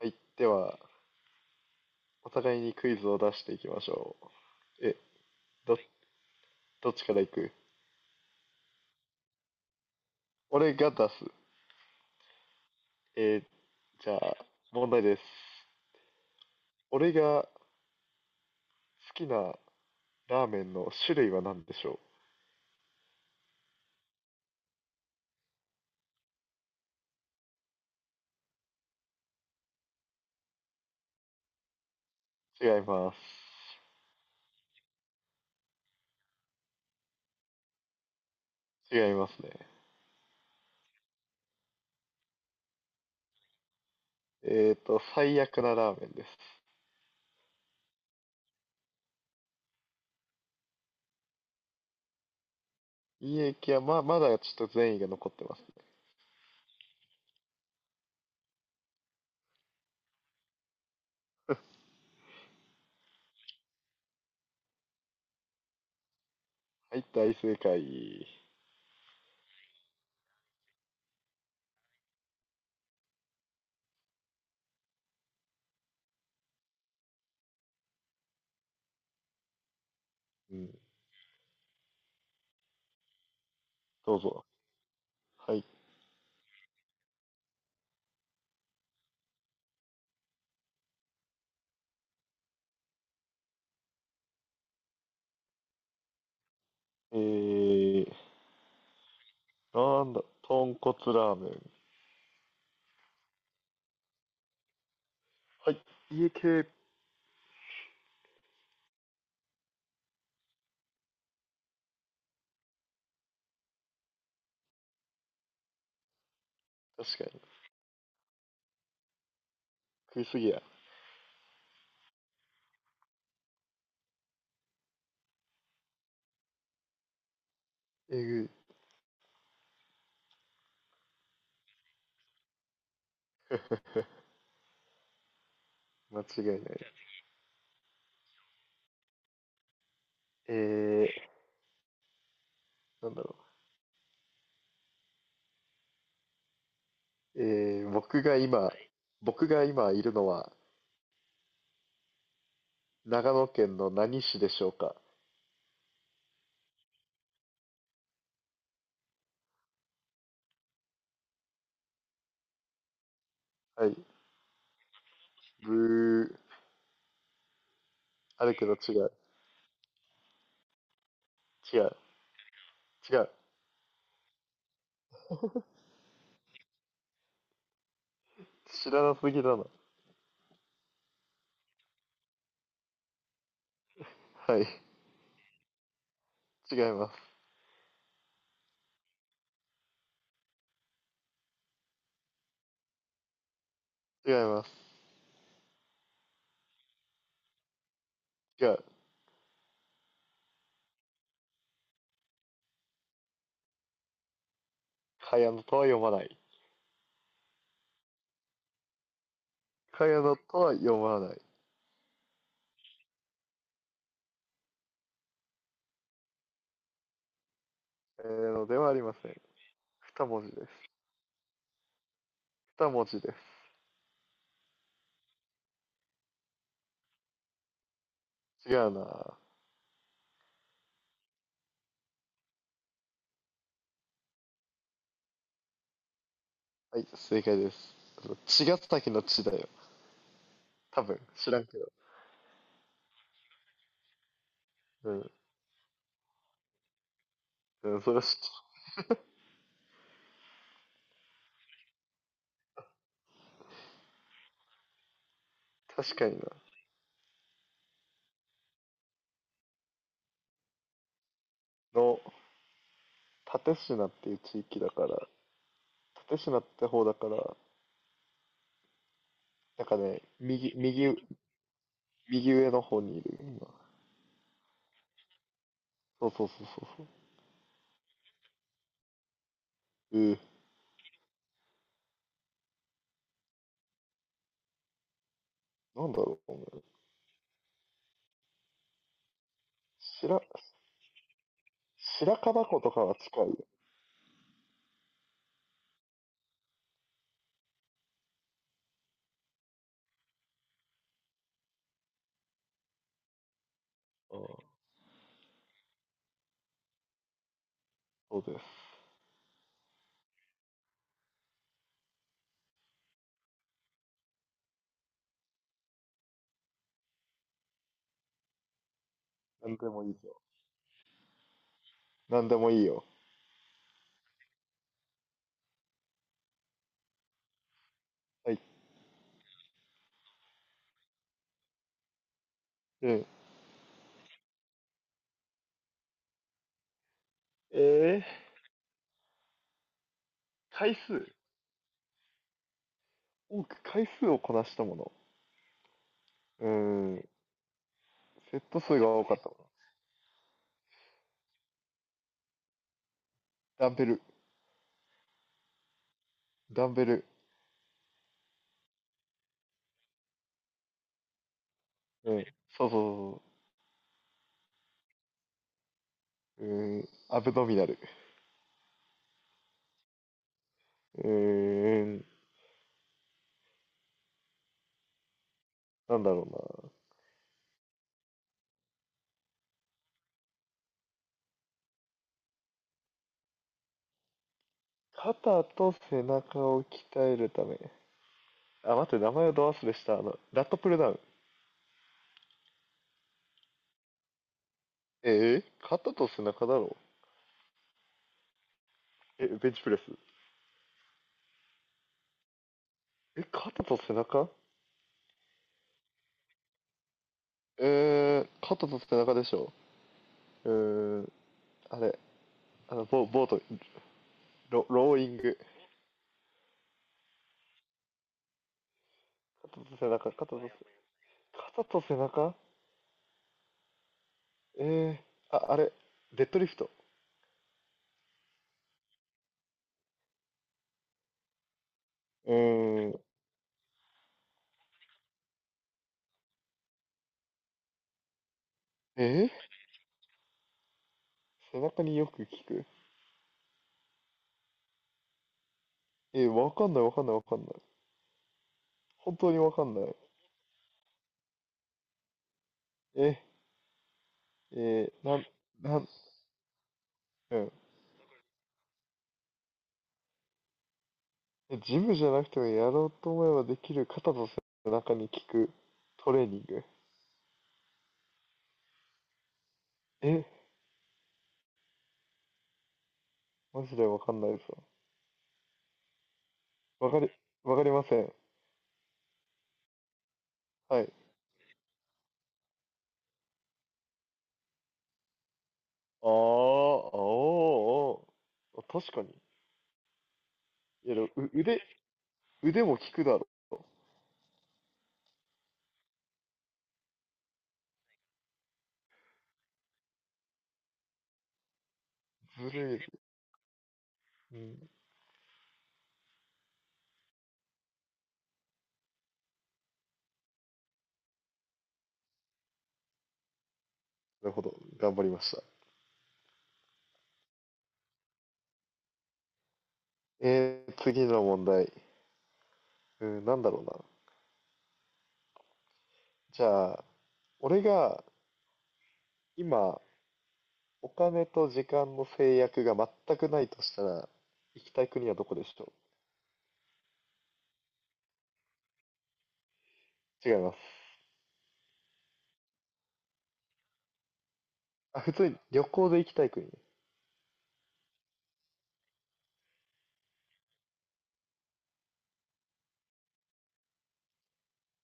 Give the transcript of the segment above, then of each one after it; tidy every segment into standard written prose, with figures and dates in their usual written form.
はい、では、お互いにクイズを出していきましょう。ど、どっちからいく？俺が出す。えーじゃあ、問題です。俺が好きなラーメンの種類は何でしょう？違います。違いますね。えっと、最悪なラーメンです。いい駅は、まだちょっと善意が残ってます。はい、大正解。うん、どうぞ。はい。えー、なんだ、豚骨ラーメン。はい、家系。確かに。食いすぎや。えぐい。間違いない。えー、なんだろう。僕が今いるのは、長野県の何市でしょうか？はい。ブー。あるけど違う。違う。違う。知らなすぎだな。はい。違います。違います。違う。かやのとは読まない。かやのとは読まない。えー、のではありません。二文字です。二文字です。違う。なはい、正解です。あの茅ヶ崎の地だよ。多分、知らんけど。うん。うん、それは知って確かにな。の、蓼科っていう地域だから、蓼科って方だから、なんかね、右上の方にいる今。そうそうそうそうそう。うー、なんだろう、お白、白樺湖とかは近いよ。ああ、そうです。なんでもいいぞ。なんでもいいよ。はい。うん。えー、回数。多く回数をこなしたもの。うーん。セット数が多かったもの。ダンベル。ダンベル。うん。そうそうそうそう。うーん。アブドミナル。うーん。なんだろうな。肩と背中を鍛えるため。あ、待って、名前をど忘れした。あの、ラットプルダウン。えー、肩と背中だろ？え、ベンチプレス。え、肩と背中？えー、肩と背中でしょ。うーん、あれ、あの、ボボート、ロローイング。肩と背中、肩と背、肩と背中？えー、あ、あれ、デッドリフト。うーん、えー、背中によく効く。えー、わかんないわかんないわかんない。本当にわかんない。ええー、なん、なん、うん。えジムじゃなくてもやろうと思えばできる肩と背中に効くトレーニング。え、マジでわかんないぞ。わかり、わかりません。はい。ああ、おー、おー。あ確かに。いや、でも腕、腕も効くだろう。ずるい。うん。なるほど。頑張りました。えー、次の問題。うん、なんだろうな。じゃあ、俺が今、お金と時間の制約が全くないとしたら、行きたい国はどこでしょう？違います。あ、普通に旅行で行きたい国。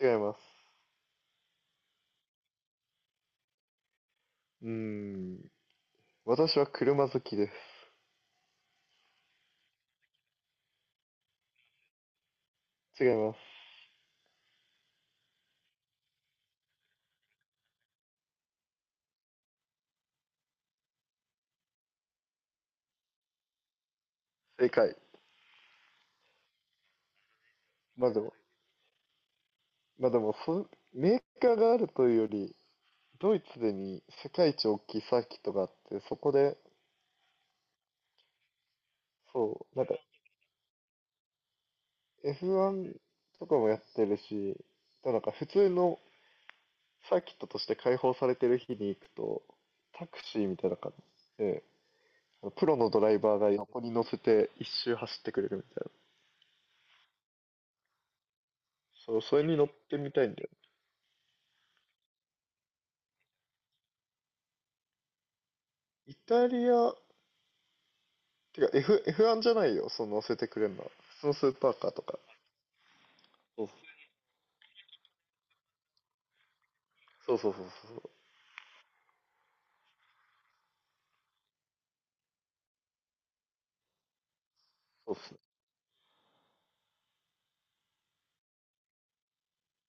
違います。うーん、私は車好きです。違います。正解。まあでも、まあでも、メーカーがあるというより、ドイツでに世界一大きいサーキットがあって、そこで、そう、なんか F1 とかもやってるし、でもなんか普通のサーキットとして開放されてる日に行くと、タクシーみたいな感じで、プロのドライバーが横に乗せて一周走ってくれるみたいな。そう、それに乗ってみたいんだよね。イタリア、てか F、F1 じゃないよ、その乗せてくれるのは。普通のスーパーカーとか。そうそうそうそうそう。そうっすね